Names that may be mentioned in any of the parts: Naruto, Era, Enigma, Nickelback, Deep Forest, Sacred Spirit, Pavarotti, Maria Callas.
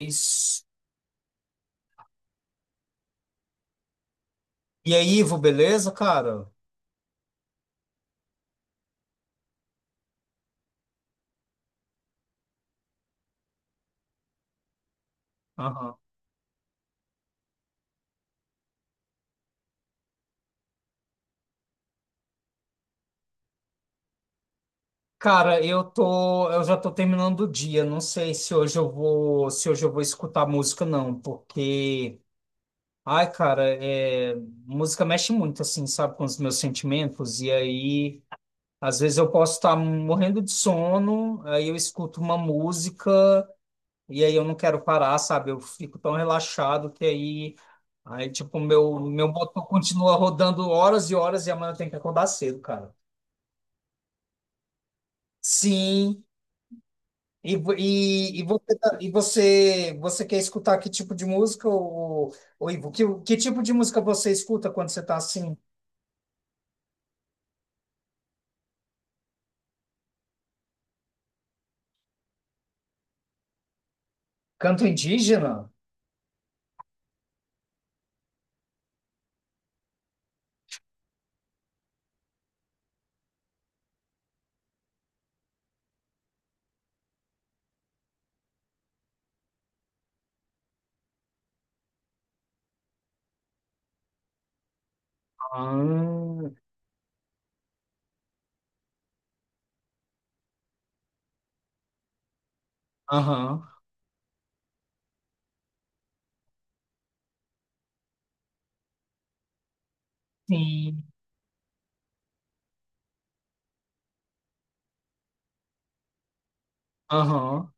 Isso. E aí, Ivo, beleza, cara? Aham. Cara, eu já tô terminando o dia. Não sei se hoje eu vou escutar música não, porque, ai, cara, é, música mexe muito assim, sabe, com os meus sentimentos. E aí, às vezes eu posso estar morrendo de sono, aí eu escuto uma música e aí eu não quero parar, sabe? Eu fico tão relaxado que aí tipo, meu motor continua rodando horas e horas e amanhã eu tenho que acordar cedo, cara. Sim. E, vo- e, você, tá- e você, você quer escutar que tipo de música, ou Ivo? Que tipo de música você escuta quando você está assim? Canto indígena? Ah. Aham. Sim. Aham.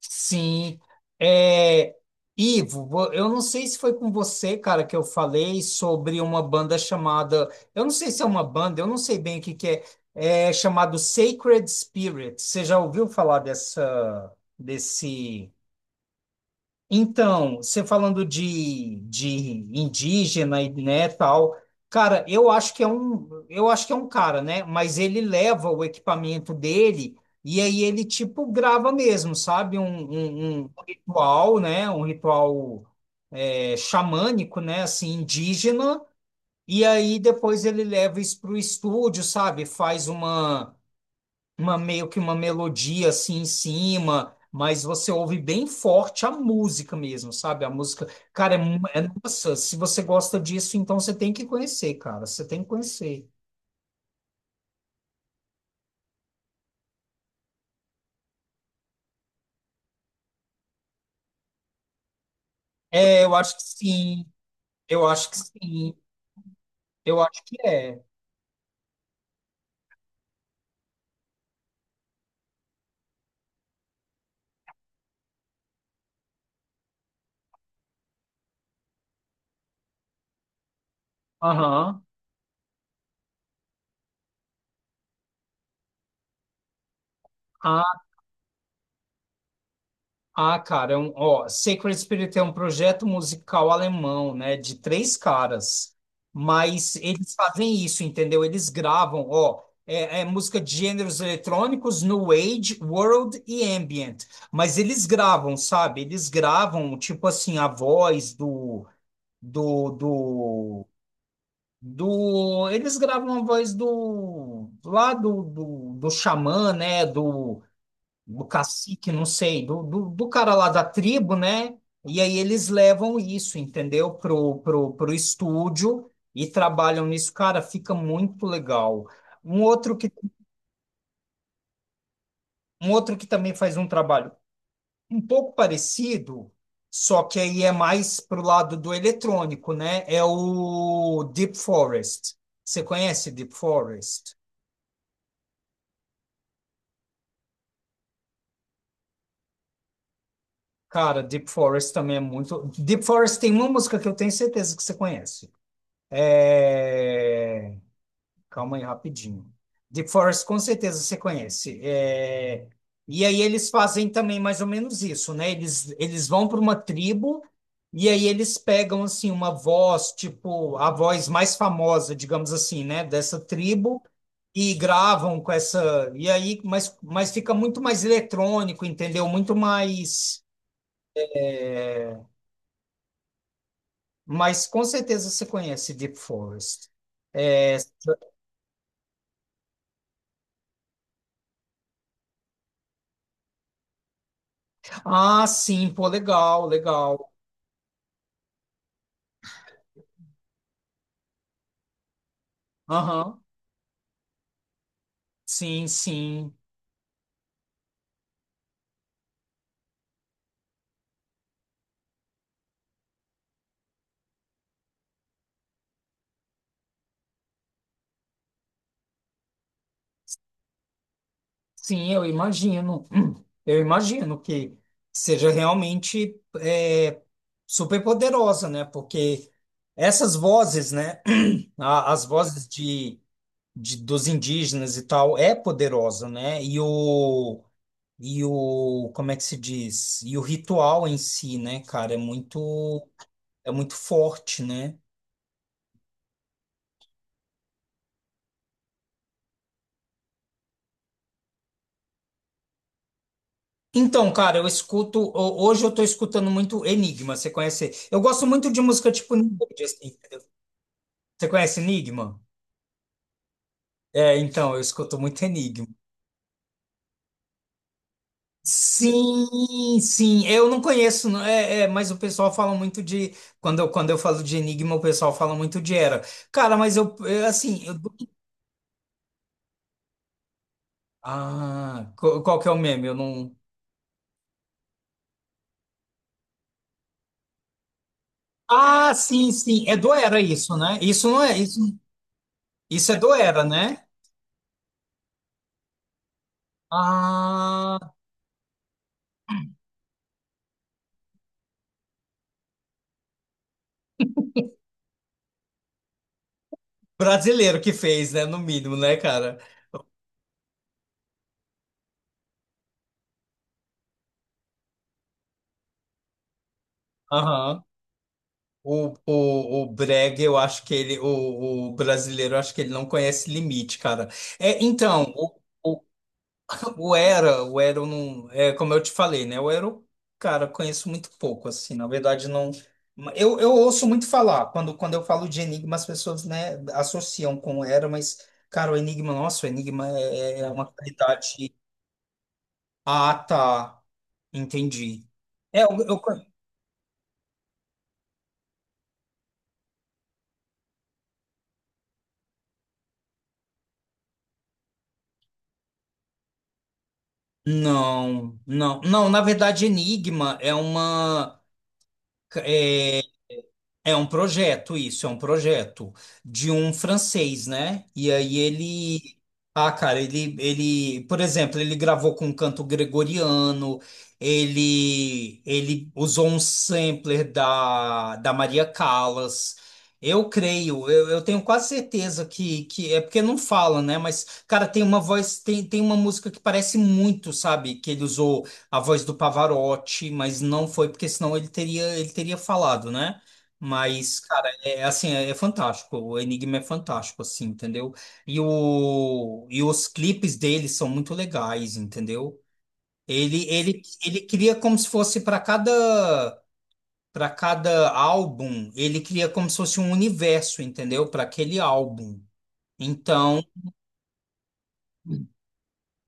Sim. É, Ivo, eu não sei se foi com você, cara, que eu falei sobre uma banda chamada. Eu não sei se é uma banda, eu não sei bem o que que é. É chamado Sacred Spirit. Você já ouviu falar dessa, desse. Então, você falando de indígena e né, tal, cara, eu acho que é um cara, né? Mas ele leva o equipamento dele e aí ele tipo grava mesmo, sabe? Um ritual, né? Um ritual é, xamânico, né? Assim, indígena. E aí depois ele leva isso para o estúdio, sabe? Faz uma meio que uma melodia assim em cima, mas você ouve bem forte a música mesmo, sabe? A música, cara, é nossa, se você gosta disso, então você tem que conhecer, cara, você tem que conhecer. É, eu acho que sim. Eu acho que sim. Eu acho que é. Aham. Ah, cara, é um, ó, Sacred Spirit é um projeto musical alemão, né, de três caras, mas eles fazem isso, entendeu? Eles gravam, ó, é música de gêneros eletrônicos, New Age, World e Ambient, mas eles gravam, sabe? Eles gravam, tipo assim, a voz do, do, eles gravam a voz do, lá do xamã, né, do do cacique, não sei, do cara lá da tribo, né? E aí eles levam isso, entendeu? Pro estúdio e trabalham nisso. Cara, fica muito legal. Um outro que, um outro que também faz um trabalho um pouco parecido, só que aí é mais pro lado do eletrônico, né? É o Deep Forest. Você conhece Deep Forest? Cara, Deep Forest também é muito. Deep Forest tem uma música que eu tenho certeza que você conhece. É... Calma aí, rapidinho. The Forest, com certeza você conhece. É, e aí eles fazem também mais ou menos isso, né? Eles vão para uma tribo e aí eles pegam, assim, uma voz, tipo, a voz mais famosa, digamos assim, né? Dessa tribo e gravam com essa... E aí, mas fica muito mais eletrônico, entendeu? Muito mais... Mas com certeza você conhece Deep Forest. É. Ah, sim, pô, legal, legal. Aham. Sim, sim. Sim, eu imagino. Hum. Eu imagino que seja realmente é, super poderosa, né? Porque essas vozes, né? As vozes de, dos indígenas e tal é poderosa, né? E o, como é que se diz? E o ritual em si, né, cara, é muito forte, né? Então, cara, eu escuto, hoje eu tô escutando muito Enigma, você conhece? Eu gosto muito de música tipo Nickelback, assim. Você conhece Enigma? É, então, eu escuto muito Enigma. Sim, sim, eu não conheço, é, é, mas o pessoal fala muito de, quando eu falo de Enigma, o pessoal fala muito de Era. Cara, mas eu, é, assim, eu, ah, qual que é o meme? Eu não... Ah, sim, sim, é do Era isso, né? Isso não é, isso é do Era, né? Ah, brasileiro que fez, né, no mínimo, né, cara? Aham. O Brega, eu acho que ele, o brasileiro, eu acho que ele não conhece limite, cara. É, então, o Era, eu não, é, como eu te falei, né? O Era, eu, cara, conheço muito pouco, assim, na verdade, não. Eu ouço muito falar, quando eu falo de Enigma, as pessoas, né, associam com o Era, mas, cara, o Enigma, nossa, o Enigma é uma qualidade. Ah, tá, entendi. É, eu... Não, não, não, na verdade, Enigma é uma. É um projeto, isso, é um projeto de um francês, né? E aí ele. Ah, cara, ele, por exemplo, ele gravou com um canto gregoriano, ele usou um sampler da Maria Callas. Eu creio, eu tenho quase certeza que é porque não fala, né? Mas, cara, tem uma voz, tem uma música que parece muito, sabe? Que ele usou a voz do Pavarotti, mas não foi, porque senão ele teria falado, né? Mas, cara, é é assim, é, é fantástico. O Enigma é fantástico, assim, entendeu? E, o, e os clipes dele são muito legais, entendeu? Ele cria como se fosse para cada álbum, ele cria como se fosse um universo, entendeu? Para aquele álbum. Então,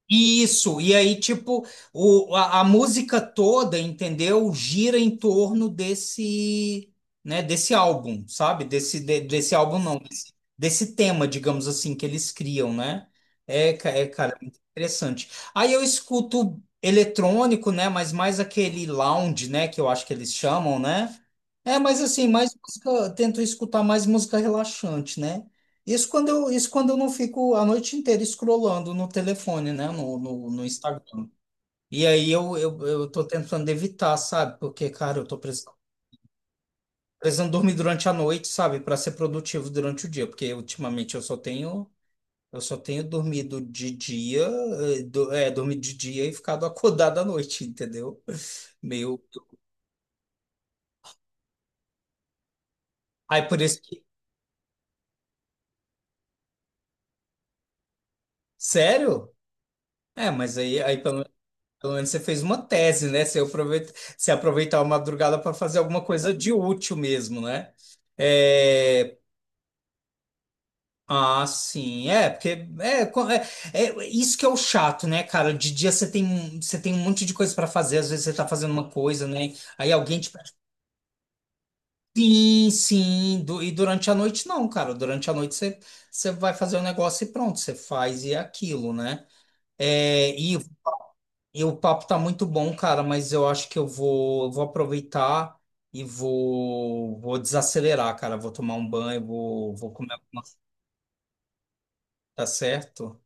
isso, e aí, tipo, o, a música toda, entendeu? Gira em torno desse, né, desse álbum, sabe? Desse álbum, não, desse tema, digamos assim, que eles criam, né? É, é, cara, é muito interessante. Aí eu escuto eletrônico, né? Mas mais aquele lounge, né? Que eu acho que eles chamam, né? É, mas assim, mais música, tento escutar mais música relaxante, né? Isso quando eu não fico a noite inteira scrollando no telefone, né? No Instagram. E aí eu tô tentando evitar, sabe? Porque, cara, precisando, dormir durante a noite, sabe? Pra ser produtivo durante o dia. Porque ultimamente eu só tenho dormido de dia, dormido de dia e ficado acordado à noite, entendeu? Meio. Aí por isso que. Sério? É, mas aí, aí pelo pelo menos você fez uma tese, né? Você aproveita, você aproveitar a madrugada para fazer alguma coisa de útil mesmo, né? É, ah, sim, é, porque é, é, isso que é o chato, né, cara? De dia você tem um monte de coisa para fazer, às vezes você tá fazendo uma coisa, né? Aí alguém te pede, sim, sim, e durante a noite não, cara. Durante a noite você, você vai fazer o negócio e pronto, você faz e é aquilo, né? É, e o papo tá muito bom, cara, mas eu acho que eu vou aproveitar e vou desacelerar, cara. Vou tomar um banho, vou comer alguma coisa, tá certo?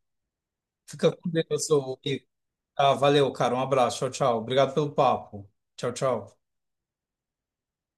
Fica com Deus, ô Igor. Tá, valeu, cara. Um abraço. Tchau, tchau. Obrigado pelo papo. Tchau, tchau.